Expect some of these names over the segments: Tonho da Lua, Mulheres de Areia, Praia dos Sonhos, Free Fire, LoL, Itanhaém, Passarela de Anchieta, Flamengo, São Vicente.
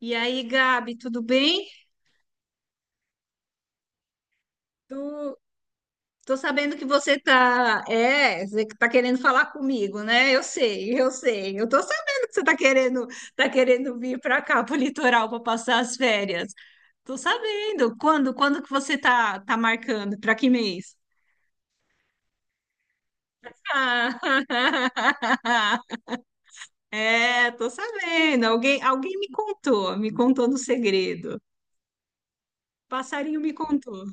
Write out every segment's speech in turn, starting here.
E aí, Gabi, tudo bem? Tu, tô sabendo que você que tá querendo falar comigo, né? Eu sei, eu sei. Eu tô sabendo que você tá tá querendo vir para cá, pro litoral, para passar as férias. Tô sabendo. Quando que você tá marcando? Para que mês? Ah, tô sabendo. Alguém me contou, no segredo. Passarinho me contou.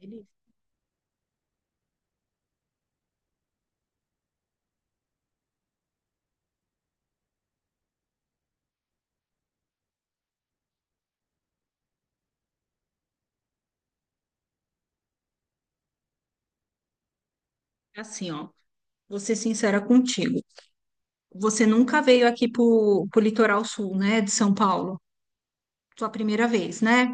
Ele, é assim, ó, vou ser sincera contigo. Você nunca veio aqui pro litoral sul, né, de São Paulo? Sua primeira vez, né?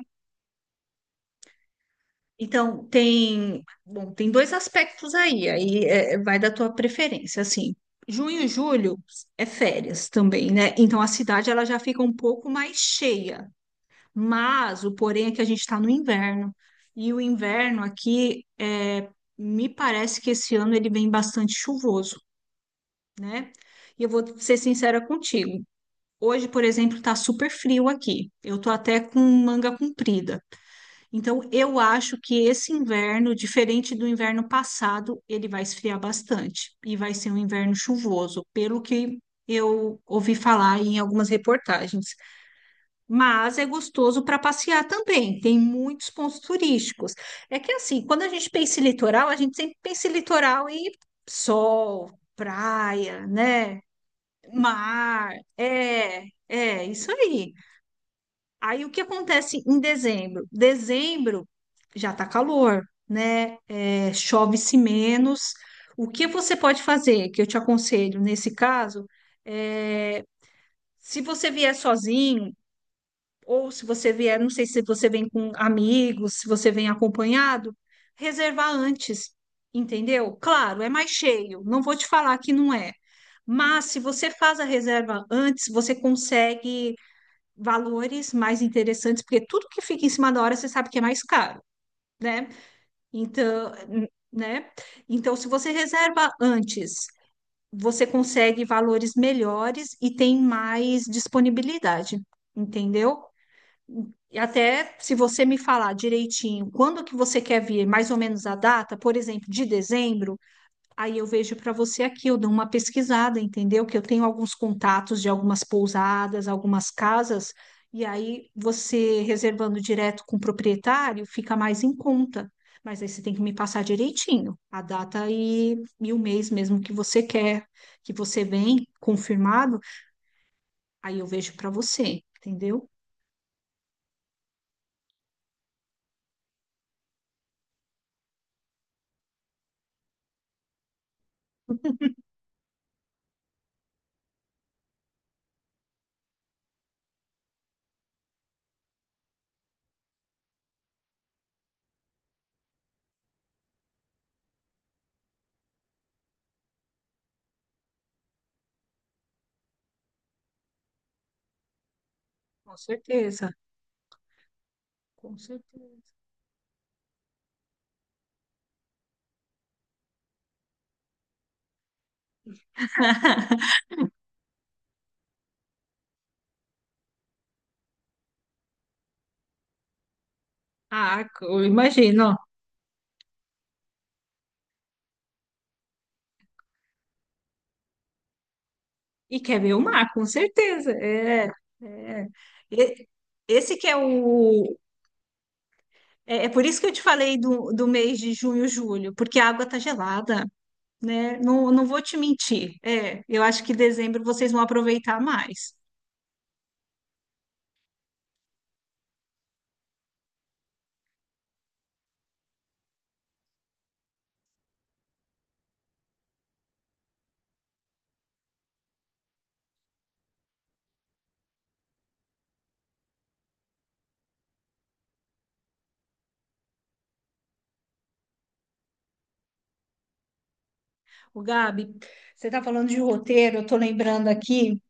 Então, bom, tem dois aspectos aí, vai da tua preferência, assim. Junho e julho é férias também, né? Então a cidade ela já fica um pouco mais cheia. Mas o porém é que a gente está no inverno. E o inverno aqui, me parece que esse ano ele vem bastante chuvoso, né? E eu vou ser sincera contigo. Hoje, por exemplo, tá super frio aqui. Eu tô até com manga comprida. Então, eu acho que esse inverno, diferente do inverno passado, ele vai esfriar bastante e vai ser um inverno chuvoso, pelo que eu ouvi falar em algumas reportagens. Mas é gostoso para passear também, tem muitos pontos turísticos. É que assim, quando a gente pensa em litoral, a gente sempre pensa em litoral e sol, praia, né? Mar, é, é, isso aí. Aí o que acontece em dezembro? Dezembro já tá calor, né? É, chove-se menos. O que você pode fazer, que eu te aconselho nesse caso, é, se você vier sozinho, ou se você vier, não sei se você vem com amigos, se você vem acompanhado, reservar antes, entendeu? Claro, é mais cheio, não vou te falar que não é. Mas se você faz a reserva antes, você consegue valores mais interessantes, porque tudo que fica em cima da hora, você sabe que é mais caro, né? Então, né? Então, se você reserva antes, você consegue valores melhores e tem mais disponibilidade, entendeu? E até se você me falar direitinho quando que você quer vir, mais ou menos a data, por exemplo, de dezembro, aí eu vejo para você aqui, eu dou uma pesquisada, entendeu? Que eu tenho alguns contatos de algumas pousadas, algumas casas, e aí você reservando direto com o proprietário fica mais em conta. Mas aí você tem que me passar direitinho a data e o mês mesmo que você quer, que você vem confirmado, aí eu vejo para você, entendeu? Com certeza, com certeza. Ah, eu imagino. E quer ver o mar, com certeza. É, é. E- Esse que é o. É, é por isso que eu te falei do mês de junho, julho, porque a água tá gelada, né? Não, não vou te mentir. É, eu acho que dezembro vocês vão aproveitar mais. O Gabi, você tá falando de roteiro, eu tô lembrando aqui.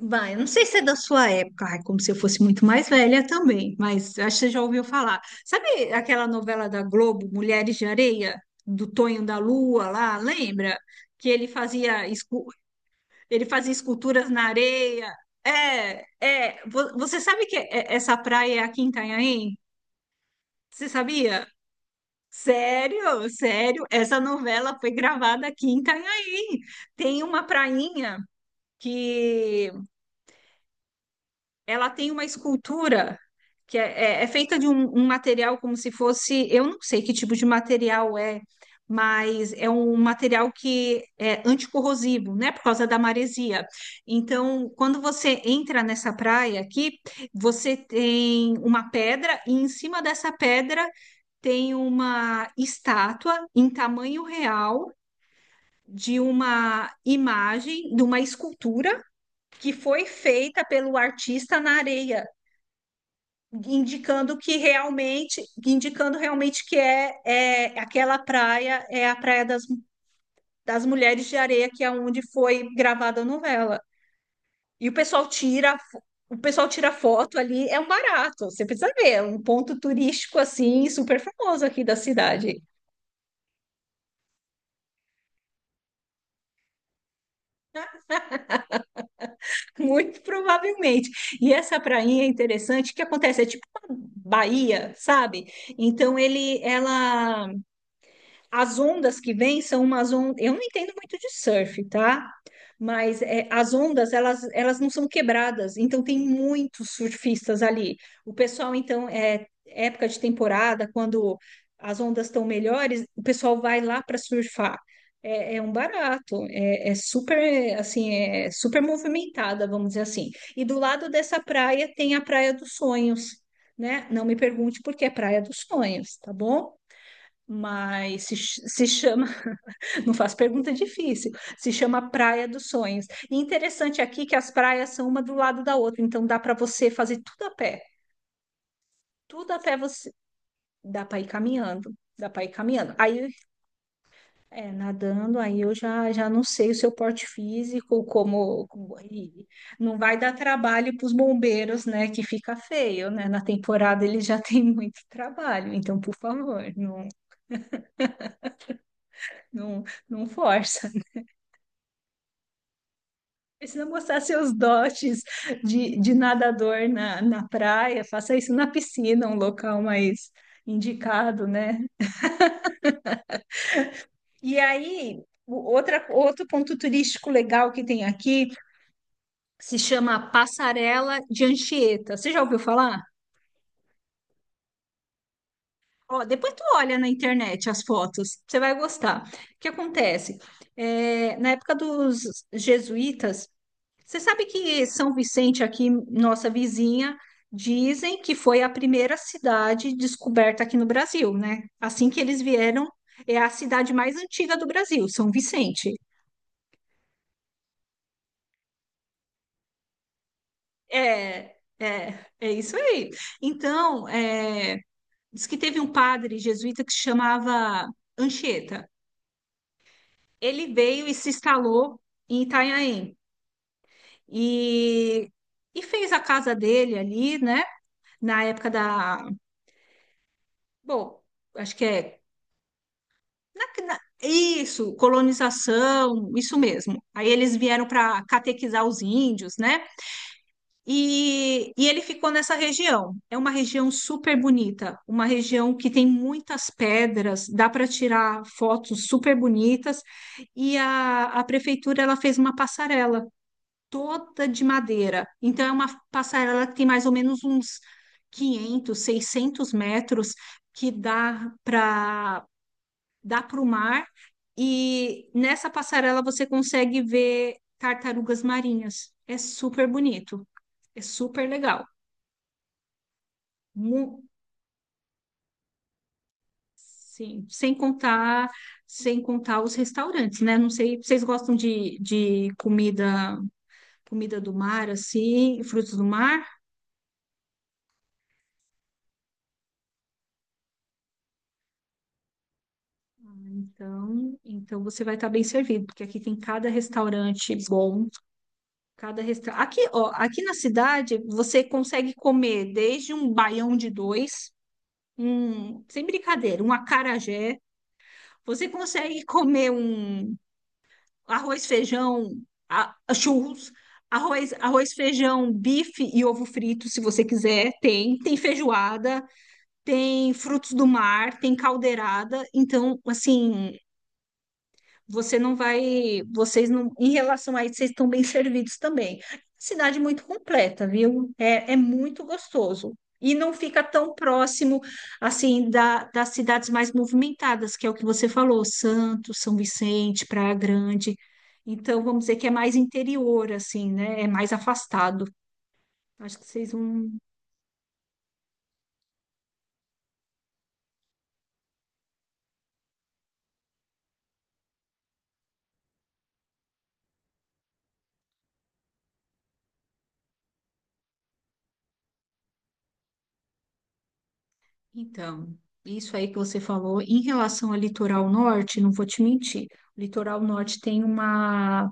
Vai, eu não sei se é da sua época, ai, como se eu fosse muito mais velha também, mas acho que você já ouviu falar. Sabe aquela novela da Globo, Mulheres de Areia, do Tonho da Lua lá, lembra? Que ele fazia esculturas na areia. É, é, você sabe que essa praia é aqui em Itanhaém? Você sabia? Sério, sério, essa novela foi gravada aqui em Itanhaém. Tem uma prainha que ela tem uma escultura que é feita de um material como se fosse, eu não sei que tipo de material é, mas é um material que é anticorrosivo, né, por causa da maresia. Então, quando você entra nessa praia aqui, você tem uma pedra e em cima dessa pedra tem uma estátua em tamanho real. De uma imagem, de uma escultura que foi feita pelo artista na areia indicando realmente que é aquela praia, é a praia das mulheres de areia, que é onde foi gravada a novela. E o pessoal tira foto ali, é um barato, você precisa ver, é um ponto turístico assim, super famoso aqui da cidade, muito provavelmente. E essa prainha é interessante, o que acontece? É tipo uma baía, sabe? Então ele, ela as ondas que vêm são umas ondas. Eu não entendo muito de surf, tá? Mas as ondas, elas não são quebradas, então tem muitos surfistas ali. O pessoal, então, é época de temporada, quando as ondas estão melhores, o pessoal vai lá para surfar. É, é um barato, é super, assim, é super movimentada, vamos dizer assim. E do lado dessa praia tem a Praia dos Sonhos, né? Não me pergunte por que é Praia dos Sonhos, tá bom? Mas se chama, não faço pergunta difícil, se chama Praia dos Sonhos. E interessante aqui que as praias são uma do lado da outra, então dá para você fazer tudo a pé você dá para ir caminhando, dá para ir caminhando. Aí é nadando, aí eu já não sei o seu porte físico, e não vai dar trabalho para os bombeiros, né, que fica feio, né? Na temporada eles já têm muito trabalho, então por favor, não não não força. Precisa mostrar seus dotes de nadador na praia, faça isso na piscina, um local mais indicado, né? E aí, outro ponto turístico legal que tem aqui se chama Passarela de Anchieta. Você já ouviu falar? Ó, depois tu olha na internet as fotos, você vai gostar. O que acontece? É, na época dos jesuítas. Você sabe que São Vicente, aqui, nossa vizinha, dizem que foi a primeira cidade descoberta aqui no Brasil, né? Assim que eles vieram, é a cidade mais antiga do Brasil, São Vicente. É, é, é isso aí. Então, diz que teve um padre jesuíta que se chamava Anchieta. Ele veio e se instalou em Itanhaém e, e fez a casa dele ali, né? Na época da, bom, acho que é isso, colonização, isso mesmo. Aí eles vieram para catequizar os índios, né? E ele ficou nessa região. É uma região super bonita, uma região que tem muitas pedras, dá para tirar fotos super bonitas. E a prefeitura ela fez uma passarela toda de madeira. Então é uma passarela que tem mais ou menos uns 500 600 metros que dá para o mar, e nessa passarela você consegue ver tartarugas marinhas. É super bonito, é super legal. Mu- Sim, sem contar os restaurantes, né? Não sei, vocês gostam de comida, comida do mar, assim, frutos do mar? Então você vai estar bem servido, porque aqui tem cada restaurante bom, cada restaurante. Aqui, ó, aqui na cidade você consegue comer desde um baião de dois um, sem brincadeira, um acarajé. Você consegue comer um arroz, feijão, churros, arroz, feijão, bife e ovo frito, se você quiser. Tem feijoada, tem frutos do mar, tem caldeirada. Então, assim vocês não, em relação a isso, vocês estão bem servidos também. Cidade muito completa, viu? É, é muito gostoso. E não fica tão próximo, assim, das cidades mais movimentadas, que é o que você falou, Santos, São Vicente, Praia Grande. Então, vamos dizer que é mais interior, assim, né? É mais afastado. Acho que vocês vão. Então, isso aí que você falou, em relação ao litoral norte, não vou te mentir, o litoral norte tem uma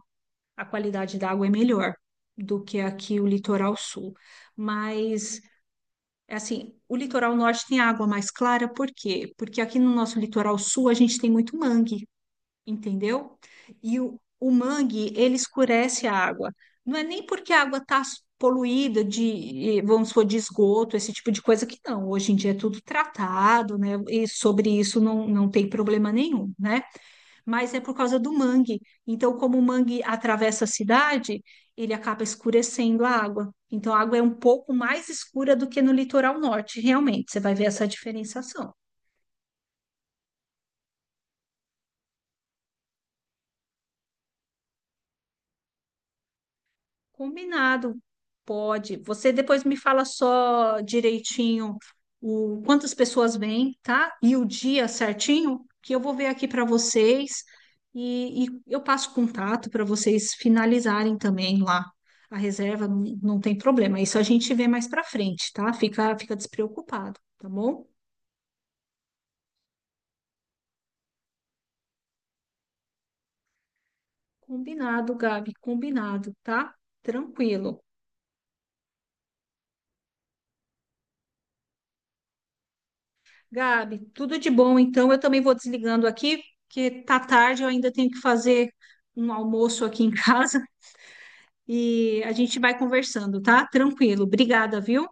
a qualidade da água é melhor do que aqui o litoral sul. Mas, assim, o litoral norte tem água mais clara, por quê? Porque aqui no nosso litoral sul a gente tem muito mangue, entendeu? E o mangue, ele escurece a água. Não é nem porque a água está poluída de, vamos supor, de esgoto, esse tipo de coisa que não. Hoje em dia é tudo tratado, né? E sobre isso não, não tem problema nenhum, né? Mas é por causa do mangue. Então, como o mangue atravessa a cidade, ele acaba escurecendo a água. Então, a água é um pouco mais escura do que no litoral norte, realmente. Você vai ver essa diferenciação. Combinado. Pode. Você depois me fala só direitinho o quantas pessoas vêm, tá? E o dia certinho, que eu vou ver aqui para vocês e eu passo contato para vocês finalizarem também lá a reserva, não, não tem problema. Isso a gente vê mais para frente, tá? Fica despreocupado, tá bom? Combinado, Gabi, combinado, tá? Tranquilo. Gabi, tudo de bom. Então, eu também vou desligando aqui, porque tá tarde, eu ainda tenho que fazer um almoço aqui em casa e a gente vai conversando, tá? Tranquilo. Obrigada, viu?